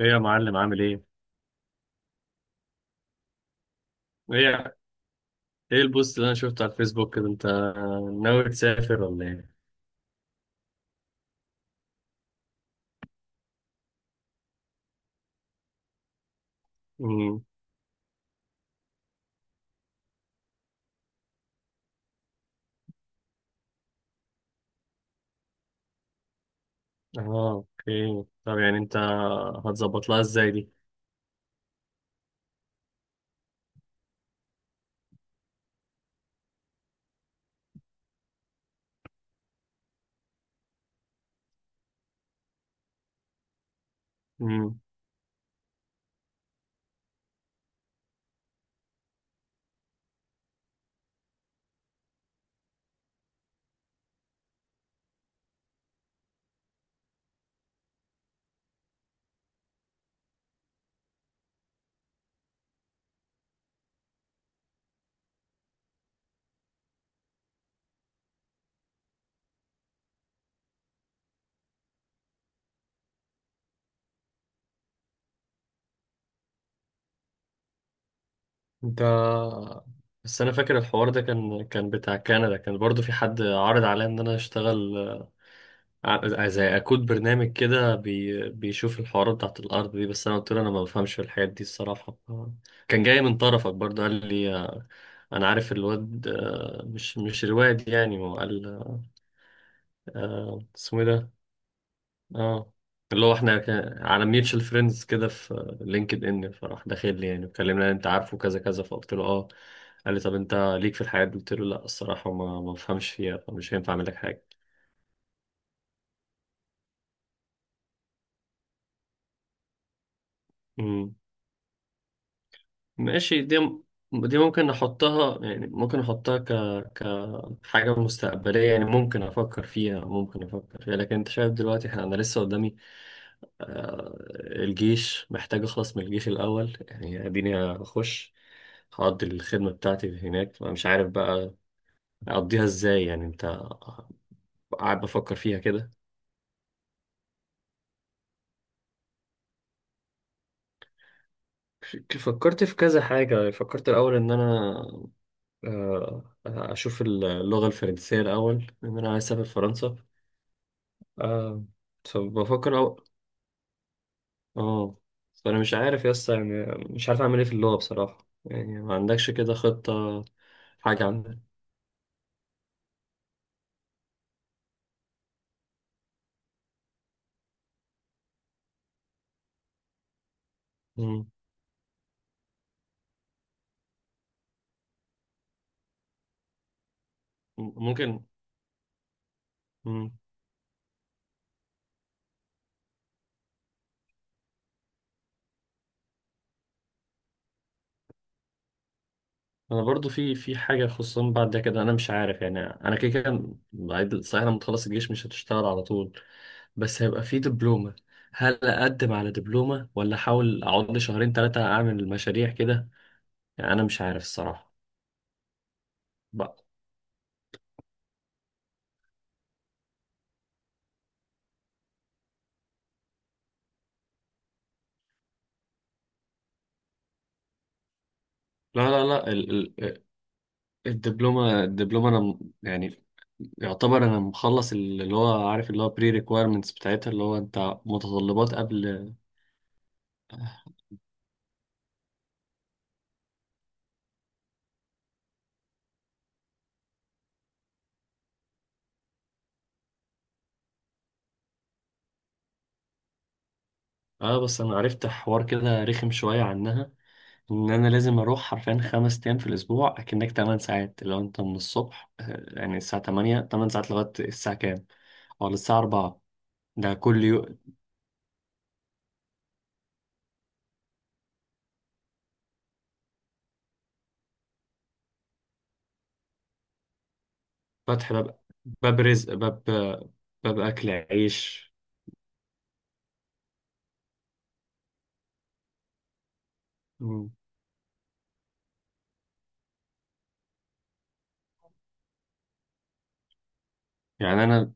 ايه يا معلم، عامل ايه؟ ايه ايه البوست اللي انا شفته على الفيسبوك كده، انت ناوي تسافر ولا ايه؟ امم اه اوكي، طب يعني انت هتظبط لها ازاي دي؟ امم انت، بس انا فاكر الحوار ده كان بتاع كندا، كان برضو في حد عرض عليا ان انا اشتغل زي اكود برنامج كده، بيشوف الحوارات بتاعت الارض دي، بس انا قلت له انا ما بفهمش في الحاجات دي الصراحة. كان جاي من طرفك برضو، قال لي انا عارف الواد، مش الواد يعني، هو قال اسمه ايه ده. اه، اللي هو احنا كان على ميوتشال فريندز كده في لينكد ان، فراح داخل لي يعني وكلمنا، انت عارفه، كذا كذا، فقلت له اه. قال لي طب انت ليك في الحياة دي؟ قلت له لا الصراحة، ما بفهمش فيها، فمش هينفع اعمل لك حاجة. امم ماشي، دي ممكن احطها، يعني ممكن احطها كحاجة مستقبلية، يعني ممكن افكر فيها لكن انت شايف دلوقتي، احنا انا لسه قدامي الجيش، محتاج أخلص من الجيش الأول يعني، أديني أخش هقضي الخدمة بتاعتي هناك، أنا مش عارف بقى أقضيها إزاي يعني. أنت قاعد بفكر فيها كده، فكرت في كذا حاجة، فكرت الأول إن أنا أشوف اللغة الفرنسية الأول، إن أنا عايز أسافر فرنسا. آه، فبفكر آه فأنا مش عارف يا اسطى يعني، مش عارف أعمل إيه في اللغة بصراحة يعني، ما عندكش كده خطة، حاجة عندك؟ مم. ممكن. مم. انا برضو في حاجه، خصوصا بعد ده كده انا مش عارف يعني، انا كده كده صحيح، لما تخلص الجيش مش هتشتغل على طول، بس هيبقى في دبلومه، هل اقدم على دبلومه ولا احاول اقعد لي شهرين ثلاثه اعمل مشاريع كده؟ يعني انا مش عارف الصراحه. بقى. لا، لا، لا، ال ال الدبلومه، انا يعني يعتبر انا مخلص اللي هو، عارف اللي هو، بري ريكويرمنتس بتاعتها، اللي هو انت متطلبات قبل. اه، بس انا عرفت حوار كده رخم شويه عنها، ان انا لازم اروح حرفيا خمس ايام في الاسبوع، اكنك 8 ساعات، لو انت من الصبح يعني الساعه 8 8 ساعات لغايه الساعه كام؟ او للساعه 4، ده كل يوم. فاتح باب، باب رزق، باب، باب اكل عيش. مم. يعني انا،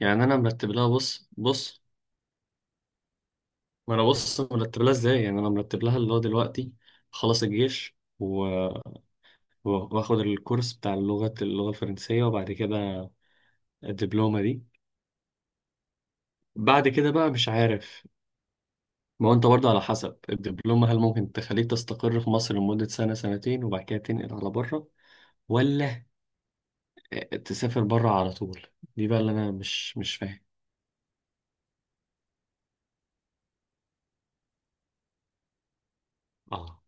مرتب لها، بص بص. ما انا بص مرتب لها ازاي، يعني انا مرتب لها اللي هو دلوقتي، خلص الجيش واخد الكورس بتاع اللغه، الفرنسيه، وبعد كده الدبلومه دي، بعد كده بقى مش عارف. ما هو انت برضه، على حسب الدبلومة، هل ممكن تخليك تستقر في مصر لمدة سنة، سنتين، وبعد كده تنقل على بره، ولا تسافر بره على طول؟ دي بقى اللي انا مش فاهم. اه،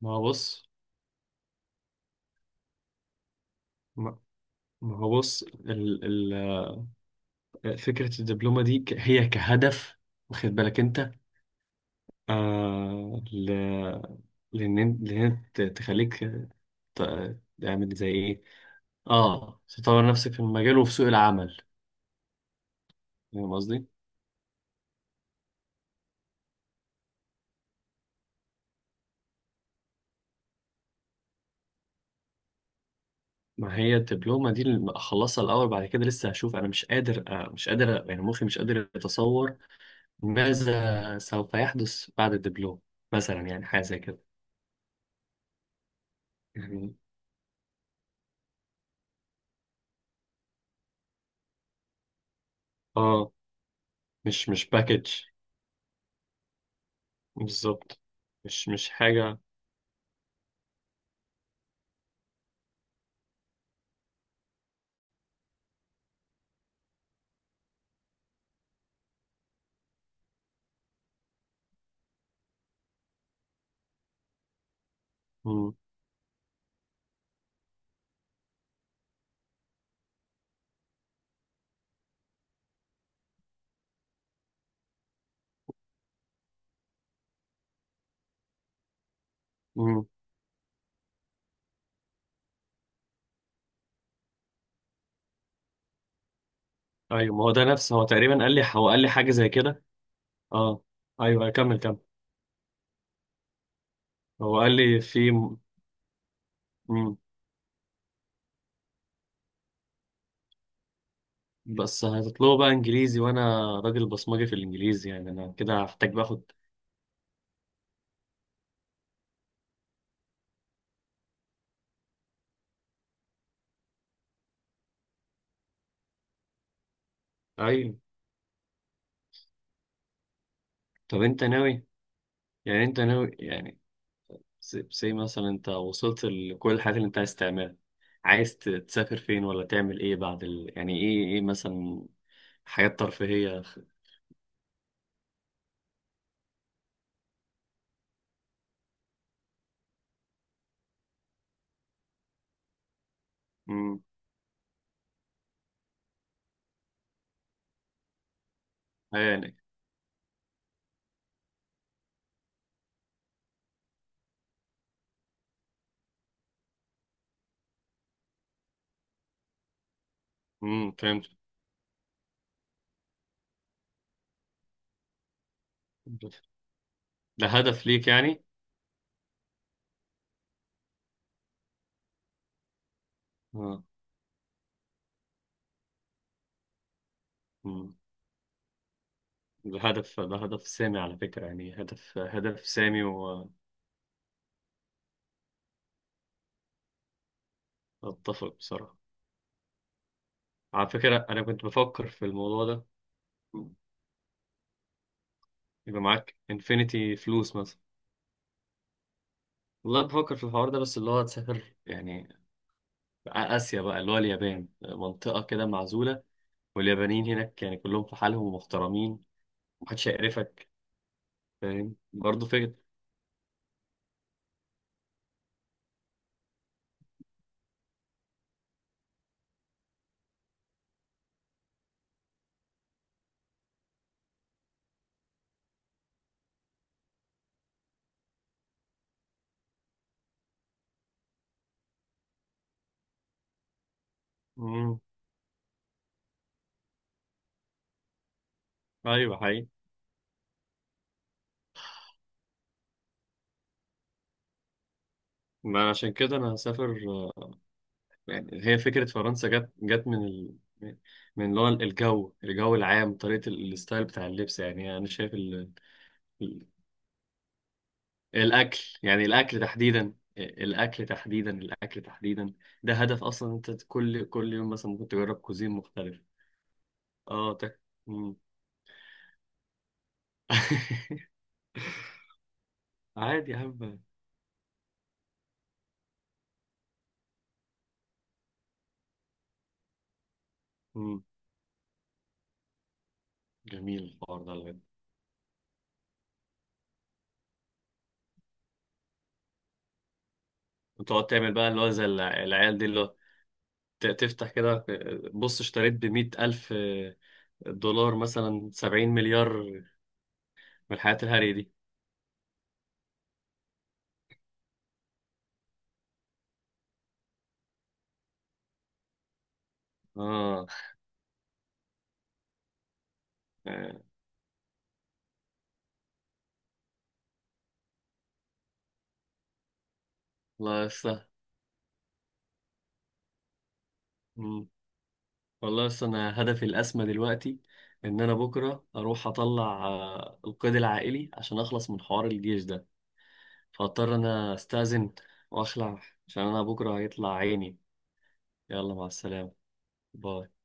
ما هو بص ما ما هو بص ال ال فكرة الدبلومة دي، هي كهدف، واخد بالك انت؟ آه ل لان، تخليك تعمل زي ايه. اه، تطور نفسك في المجال وفي سوق العمل، فاهم قصدي؟ ما هي الدبلومة دي اللي أخلصها الأول، بعد كده لسه هشوف، أنا مش قادر، يعني مخي مش قادر يتصور ماذا سوف يحدث بعد الدبلومة مثلا، يعني حاجة زي كده يعني. آه مش باكج، بالظبط، مش حاجة. مم. مم. أيوة، ما هو ده نفسه، هو تقريبا قال لي، حاجة زي كده. آه أيوة أيوة، كمل كمل. هو قال لي في. مم. بس هتطلبوا بقى إنجليزي، وأنا راجل بصمجي في الإنجليزي يعني، أنا كده هحتاج باخد. أيوة، طب أنت ناوي، يعني انت ناوي يعني زي مثلا انت وصلت لكل الحاجات اللي انت عايز تعملها، عايز تسافر فين، ولا تعمل ايه بعد يعني ايه، مثلا حاجات ترفيهية. امم يعني فهمت، ده هدف ليك يعني. اه. امم ده هدف سامي، على فكرة يعني، هدف هدف سامي. واتفق بصراحة، على فكرة انا كنت بفكر في الموضوع ده. مم. يبقى معاك انفينيتي فلوس مثلا. والله بفكر في الحوار ده، بس اللي هو تسافر يعني آسيا بقى، اللي هو اليابان، منطقة كده معزولة، واليابانيين هناك يعني كلهم في حالهم ومحترمين، محدش هيقرفك، فاهم برضه فكرة؟ مم. أيوة حقيقي. ما عشان كده أنا هسافر يعني، هي فكرة فرنسا جت من اللي هو الجو، العام، طريقة الستايل بتاع اللبس، يعني أنا شايف ال- الأكل يعني، الأكل تحديدا، الأكل تحديدا، الأكل تحديدا، ده هدف أصلا. أنت كل يوم مثلا ممكن تجرب كوزين مختلف. اه، عادي يا عم. مم. جميل الحوار ده بجد. وتقعد تعمل بقى اللي هو زي العيال دي، اللي هو تفتح كده، بص اشتريت بمية ألف دولار مثلا، سبعين مليار من الحياة الهري دي. اه. آه. الله يسه. مم. والله يسه، أنا هدفي الأسمى دلوقتي إن أنا بكرة أروح أطلع القيد العائلي عشان أخلص من حوار الجيش ده، فاضطر أنا أستأذن وأخلع، عشان أنا بكرة هيطلع عيني. يلا مع السلامة. باي.